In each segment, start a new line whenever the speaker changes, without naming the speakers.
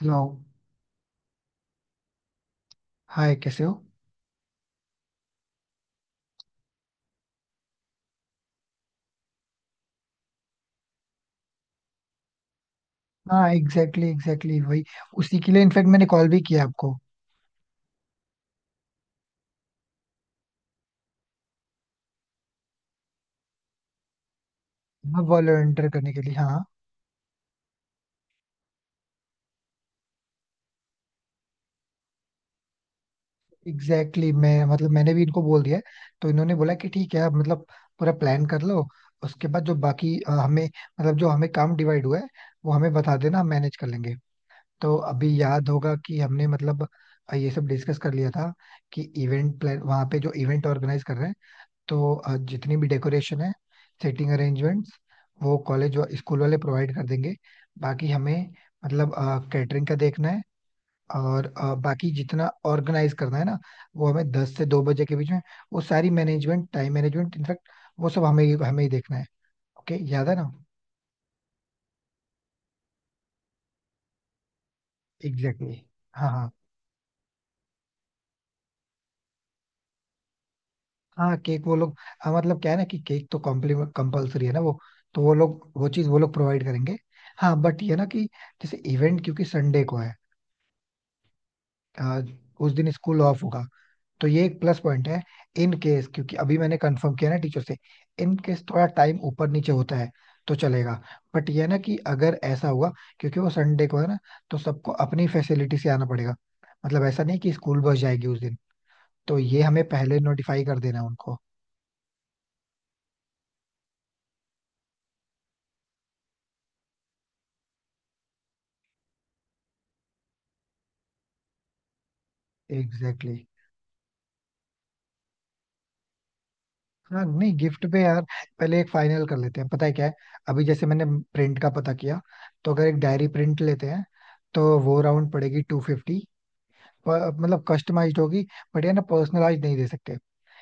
Hello. Hi, कैसे हो? हाँ, एग्जैक्टली एग्जैक्टली वही. उसी के लिए इनफैक्ट मैंने कॉल भी किया आपको. हाँ, वॉलंटियर करने के लिए, हाँ. एग्जैक्टली exactly, मैं, मतलब मैंने भी इनको बोल दिया है. तो इन्होंने बोला कि ठीक है, आप मतलब पूरा प्लान कर लो. उसके बाद जो बाकी हमें, मतलब जो हमें काम डिवाइड हुआ है, वो हमें बता देना, हम मैनेज कर लेंगे. तो अभी याद होगा कि हमने मतलब ये सब डिस्कस कर लिया था, कि इवेंट प्लान, वहाँ पे जो इवेंट ऑर्गेनाइज कर रहे हैं, तो जितनी भी डेकोरेशन है, सेटिंग अरेंजमेंट्स, वो कॉलेज व स्कूल वाले प्रोवाइड कर देंगे. बाकी हमें, मतलब कैटरिंग का देखना है. और बाकी जितना ऑर्गेनाइज करना है ना, वो हमें 10 से 2 बजे के बीच में वो सारी मैनेजमेंट, टाइम मैनेजमेंट इनफैक्ट, वो सब हमें हमें ही देखना है. ओके, याद है ना? Exactly exactly. हाँ, हाँ. हाँ, केक वो लोग. हाँ, मतलब क्या है ना कि केक तो कॉम्प्लीमेंट कंपलसरी है ना वो, तो वो लोग वो चीज़ वो लोग प्रोवाइड करेंगे. हाँ, बट ये ना कि जैसे इवेंट क्योंकि संडे को है. आज, उस दिन स्कूल ऑफ होगा, तो ये एक प्लस पॉइंट है. इन केस, क्योंकि अभी मैंने कंफर्म किया ना टीचर से, इन केस थोड़ा टाइम ऊपर नीचे होता है तो चलेगा. बट ये ना कि अगर ऐसा हुआ, क्योंकि वो संडे को है ना, तो सबको अपनी फैसिलिटी से आना पड़ेगा. मतलब ऐसा नहीं कि स्कूल बस जाएगी उस दिन. तो ये हमें पहले नोटिफाई कर देना है उनको. Exactly exactly. हाँ, नहीं गिफ्ट पे यार पहले एक फाइनल कर लेते हैं, पता है क्या है. अभी जैसे मैंने प्रिंट का पता किया, तो अगर एक डायरी प्रिंट लेते हैं तो वो राउंड पड़ेगी 250. मतलब कस्टमाइज्ड होगी. बट ये ना, पर्सनलाइज नहीं दे सकते,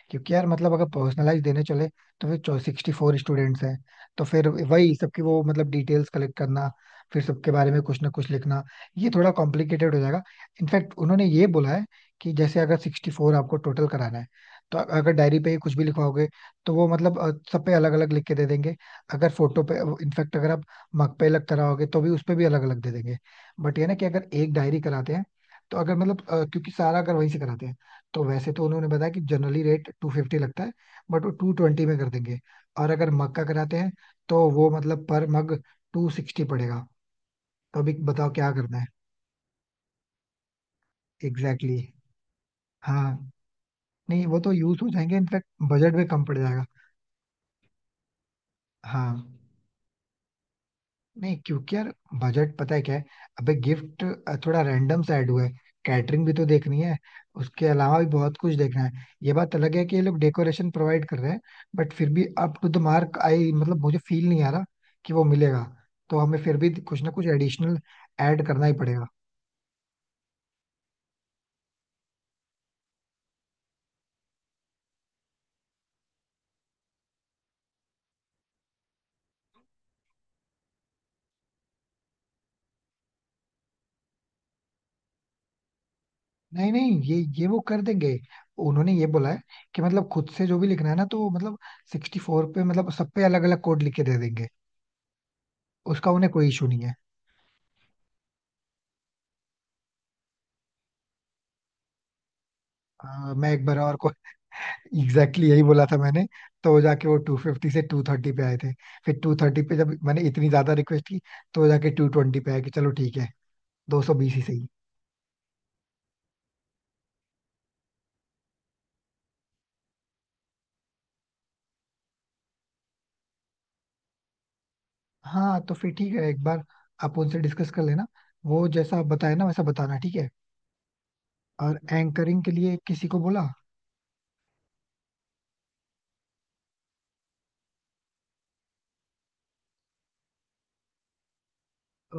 क्योंकि यार मतलब अगर पर्सनलाइज देने चले तो फिर 64 स्टूडेंट्स हैं. तो फिर वही सबकी वो, मतलब डिटेल्स कलेक्ट करना, फिर सबके बारे में कुछ ना कुछ लिखना, ये थोड़ा कॉम्प्लिकेटेड हो जाएगा. इनफैक्ट उन्होंने ये बोला है कि जैसे अगर 64 आपको टोटल कराना है, तो अगर डायरी पे ही कुछ भी लिखवाओगे, तो वो मतलब सब पे अलग अलग लिख के दे देंगे. अगर फोटो पे, इनफैक्ट अगर आप मग पे अलग कराओगे, तो भी उस पे भी अलग अलग दे देंगे. बट ये ना कि अगर एक डायरी कराते हैं, तो अगर मतलब क्योंकि सारा अगर वहीं से कराते हैं, तो वैसे तो उन्होंने बताया कि जनरली रेट 250 लगता है, बट वो 220 में कर देंगे. और अगर मग का कराते हैं, तो वो मतलब पर मग 260 पड़ेगा. तो अभी बताओ क्या करना है. Exactly exactly. हाँ, नहीं वो तो यूज हो जाएंगे इनफैक्ट. बजट भी कम पड़ जाएगा. हाँ, नहीं क्योंकि यार बजट, पता है क्या है, अबे गिफ्ट थोड़ा रैंडम सा ऐड हुआ है. कैटरिंग भी तो देखनी है, उसके अलावा भी बहुत कुछ देखना है. ये बात अलग है कि ये लोग डेकोरेशन प्रोवाइड कर रहे हैं. बट फिर भी अप टू द मार्क आई, मतलब मुझे फील नहीं आ रहा कि वो मिलेगा, तो हमें फिर भी कुछ ना कुछ एडिशनल ऐड करना ही पड़ेगा. नहीं, नहीं, ये वो कर देंगे. उन्होंने ये बोला है कि मतलब खुद से जो भी लिखना है ना, तो मतलब 64 पे, मतलब सब पे अलग अलग कोड लिख के दे देंगे. उसका उन्हें कोई इशू नहीं है. मैं एक बार और एग्जैक्टली exactly यही बोला था मैंने. तो जाके वो 250 से 230 पे आए थे. फिर 230 पे जब मैंने इतनी ज्यादा रिक्वेस्ट की, तो वो जाके 220 पे आए कि चलो ठीक है, 220 ही सही. हाँ, तो फिर ठीक है, एक बार आप उनसे डिस्कस कर लेना, वो जैसा आप बताए ना वैसा बताना ठीक है. और एंकरिंग के लिए किसी को बोला?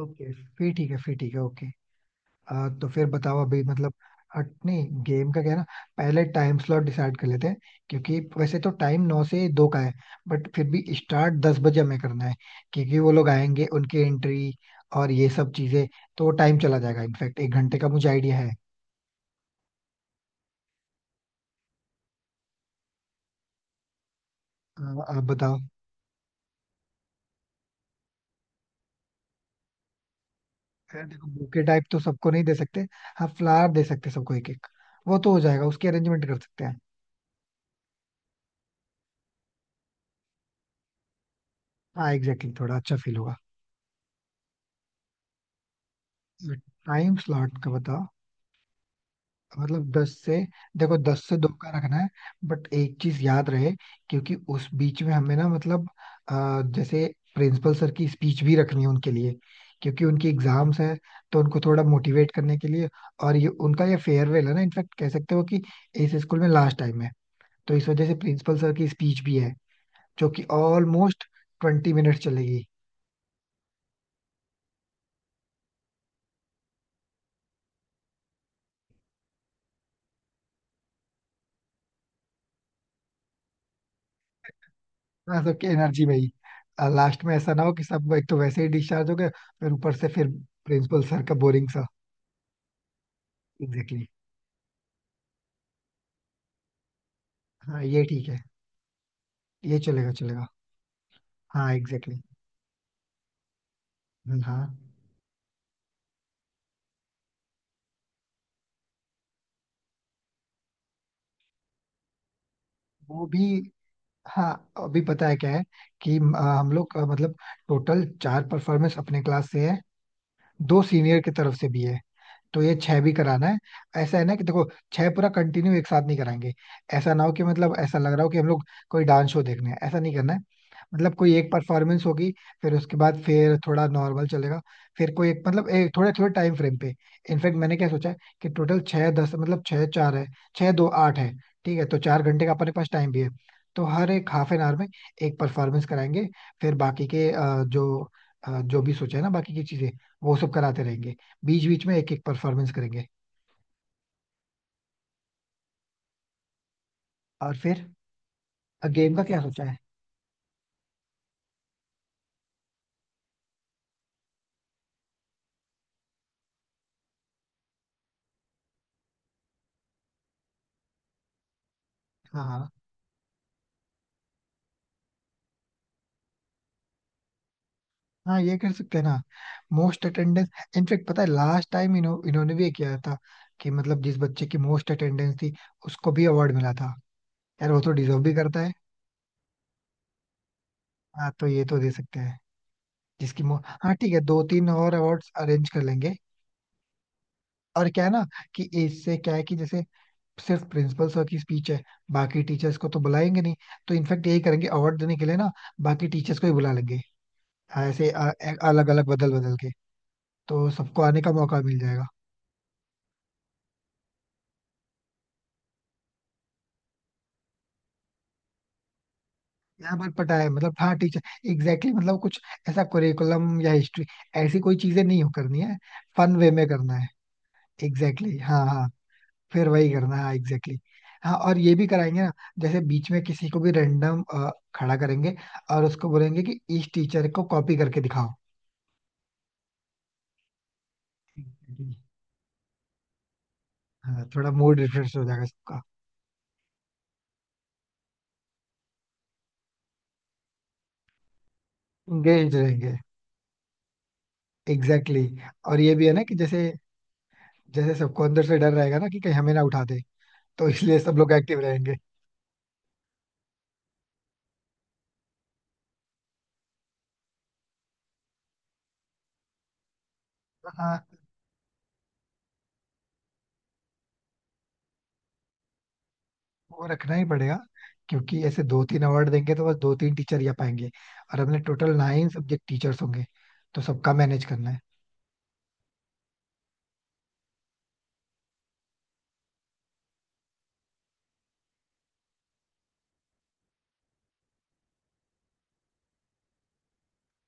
ओके. फिर ठीक है, फिर ठीक है. ओके. तो फिर बताओ अभी मतलब. हट नहीं, गेम का क्या है ना, पहले टाइम स्लॉट डिसाइड कर लेते हैं. क्योंकि वैसे तो टाइम 9 से 2 का है, बट फिर भी स्टार्ट 10 बजे हमें करना है. क्योंकि वो लोग आएंगे, उनकी एंट्री और ये सब चीजें, तो वो टाइम चला जाएगा इनफैक्ट. एक घंटे का मुझे आइडिया है. आ, आप बताओ. यार देखो, बुके टाइप तो सबको नहीं दे सकते. हाँ, फ्लावर दे सकते सबको एक एक. वो तो हो जाएगा, उसकी अरेंजमेंट कर सकते हैं. हाँ एग्जैक्टली, थोड़ा अच्छा फील होगा. टाइम स्लॉट का बताओ. मतलब दस से, देखो 10 से 2 का रखना है. बट एक चीज याद रहे, क्योंकि उस बीच में हमें ना, मतलब जैसे प्रिंसिपल सर की स्पीच भी रखनी है उनके लिए. क्योंकि उनकी एग्जाम्स है, तो उनको थोड़ा मोटिवेट करने के लिए. और ये उनका ये फेयरवेल है ना, इनफैक्ट कह सकते हो कि इस स्कूल में लास्ट टाइम है. तो इस वजह से प्रिंसिपल सर की स्पीच भी है, जो कि ऑलमोस्ट 20 मिनट चलेगी. ना सबकी एनर्जी में ही. लास्ट में ऐसा ना हो कि सब एक तो वैसे ही डिस्चार्ज हो गए, फिर ऊपर से फिर प्रिंसिपल सर का बोरिंग. Exactly exactly. हाँ, ये ठीक है, ये चलेगा चलेगा. हाँ एग्जैक्टली exactly. हाँ. वो भी, हाँ अभी पता है क्या है कि हम लोग का मतलब टोटल चार परफॉर्मेंस अपने क्लास से है. दो सीनियर की तरफ से भी है, तो ये छह भी कराना है. ऐसा है ना कि देखो, छह पूरा कंटिन्यू एक साथ नहीं कराएंगे. ऐसा ना हो कि मतलब ऐसा लग रहा हो कि हम लोग कोई डांस शो देखने हैं, ऐसा नहीं करना है. मतलब कोई एक परफॉर्मेंस होगी, फिर उसके बाद फिर थोड़ा नॉर्मल चलेगा. फिर कोई एक, मतलब एक थोड़े थोड़े टाइम फ्रेम पे. इनफैक्ट मैंने क्या सोचा है, कि टोटल छः दस, मतलब छः चार है, छः दो आठ है. ठीक है, तो 4 घंटे का अपने पास टाइम भी है. तो हर एक हाफ एन आवर में एक परफॉर्मेंस कराएंगे. फिर बाकी के जो भी सोचा है ना बाकी की चीजें, वो सब कराते रहेंगे. बीच बीच में एक एक परफॉर्मेंस करेंगे. और फिर गेम का क्या सोचा है? हाँ, हाँ. हाँ, ये कर सकते हैं ना, मोस्ट अटेंडेंस. इनफेक्ट पता है लास्ट टाइम इन्होंने भी ये किया था, कि मतलब जिस बच्चे की मोस्ट अटेंडेंस थी, उसको भी अवार्ड मिला था. यार वो तो डिजर्व भी करता है. हाँ, तो ये तो दे सकते हैं जिसकी हाँ, ठीक है, दो तीन और अवार्ड्स अरेंज कर लेंगे. और क्या है ना कि इससे क्या है कि जैसे सिर्फ प्रिंसिपल सर की स्पीच है, बाकी टीचर्स को तो बुलाएंगे नहीं, तो इनफेक्ट यही करेंगे. अवार्ड देने के लिए ना, बाकी टीचर्स को ही बुला लेंगे. हाँ, ऐसे अलग अलग बदल बदल के, तो सबको आने का मौका मिल जाएगा. यहाँ पर पता है, मतलब हाँ टीचर एग्जैक्टली exactly, मतलब कुछ ऐसा करिकुलम या हिस्ट्री, ऐसी कोई चीजें नहीं हो करनी है. फन वे में करना है. एग्जैक्टली exactly, हाँ, हाँ, फिर वही करना है. हाँ एग्जैक्टली exactly. हाँ और ये भी कराएंगे ना, जैसे बीच में किसी को भी रेंडम खड़ा करेंगे और उसको बोलेंगे कि इस टीचर को कॉपी करके दिखाओ. Exactly. हाँ, थोड़ा मूड रिफ्रेश हो जाएगा सबका, एंगेज रहेंगे. Exactly exactly. और ये भी है ना कि जैसे जैसे सबको अंदर से डर रहेगा ना कि कहीं हमें ना उठा दे, तो इसलिए सब लोग एक्टिव रहेंगे. हाँ, वो रखना ही पड़ेगा, क्योंकि ऐसे दो तीन अवार्ड देंगे तो बस दो तीन टीचर ही आ पाएंगे. और अपने टोटल 9 सब्जेक्ट टीचर्स होंगे, तो सबका मैनेज करना है.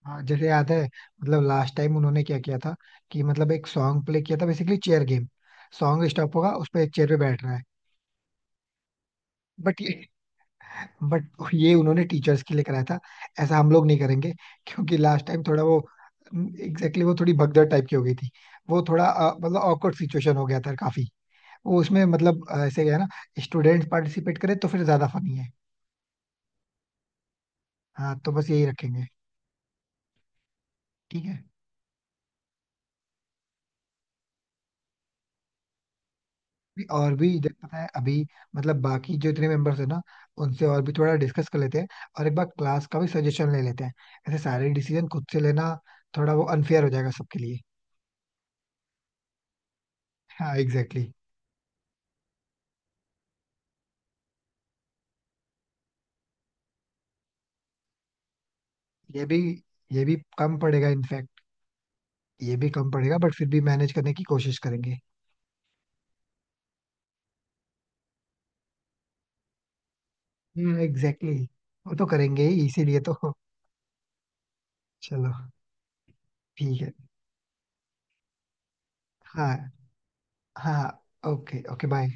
हाँ, जैसे याद है मतलब लास्ट टाइम उन्होंने क्या किया था, कि मतलब एक सॉन्ग प्ले किया था, basically chair game. Song stop होगा, उस पर एक चेयर पे बैठना है. बट ये बट ये उन्होंने टीचर्स के लिए कराया था. ऐसा हम लोग नहीं करेंगे, क्योंकि लास्ट टाइम थोड़ा वो. एग्जैक्टली exactly, वो थोड़ी भगदड़ टाइप की हो गई थी, वो थोड़ा मतलब awkward सिचुएशन हो गया था काफी. वो उसमें मतलब ऐसे क्या है ना, स्टूडेंट पार्टिसिपेट करे तो फिर ज्यादा फनी है. हाँ, तो बस यही रखेंगे. ठीक है. और भी इधर पता है अभी, मतलब बाकी जो इतने मेंबर्स हैं ना, उनसे और भी थोड़ा डिस्कस कर लेते हैं, और एक बार क्लास का भी सजेशन ले लेते हैं. ऐसे सारे डिसीजन खुद से लेना थोड़ा वो अनफेयर हो जाएगा सबके लिए. हाँ एग्जैक्टली exactly. ये भी ये भी कम पड़ेगा इनफैक्ट, ये भी कम पड़ेगा बट फिर भी मैनेज करने की कोशिश करेंगे. हाँ एग्जैक्टली exactly. वो तो करेंगे ही इसीलिए तो. चलो ठीक है. हाँ, हाँ. ओके. Okay bye.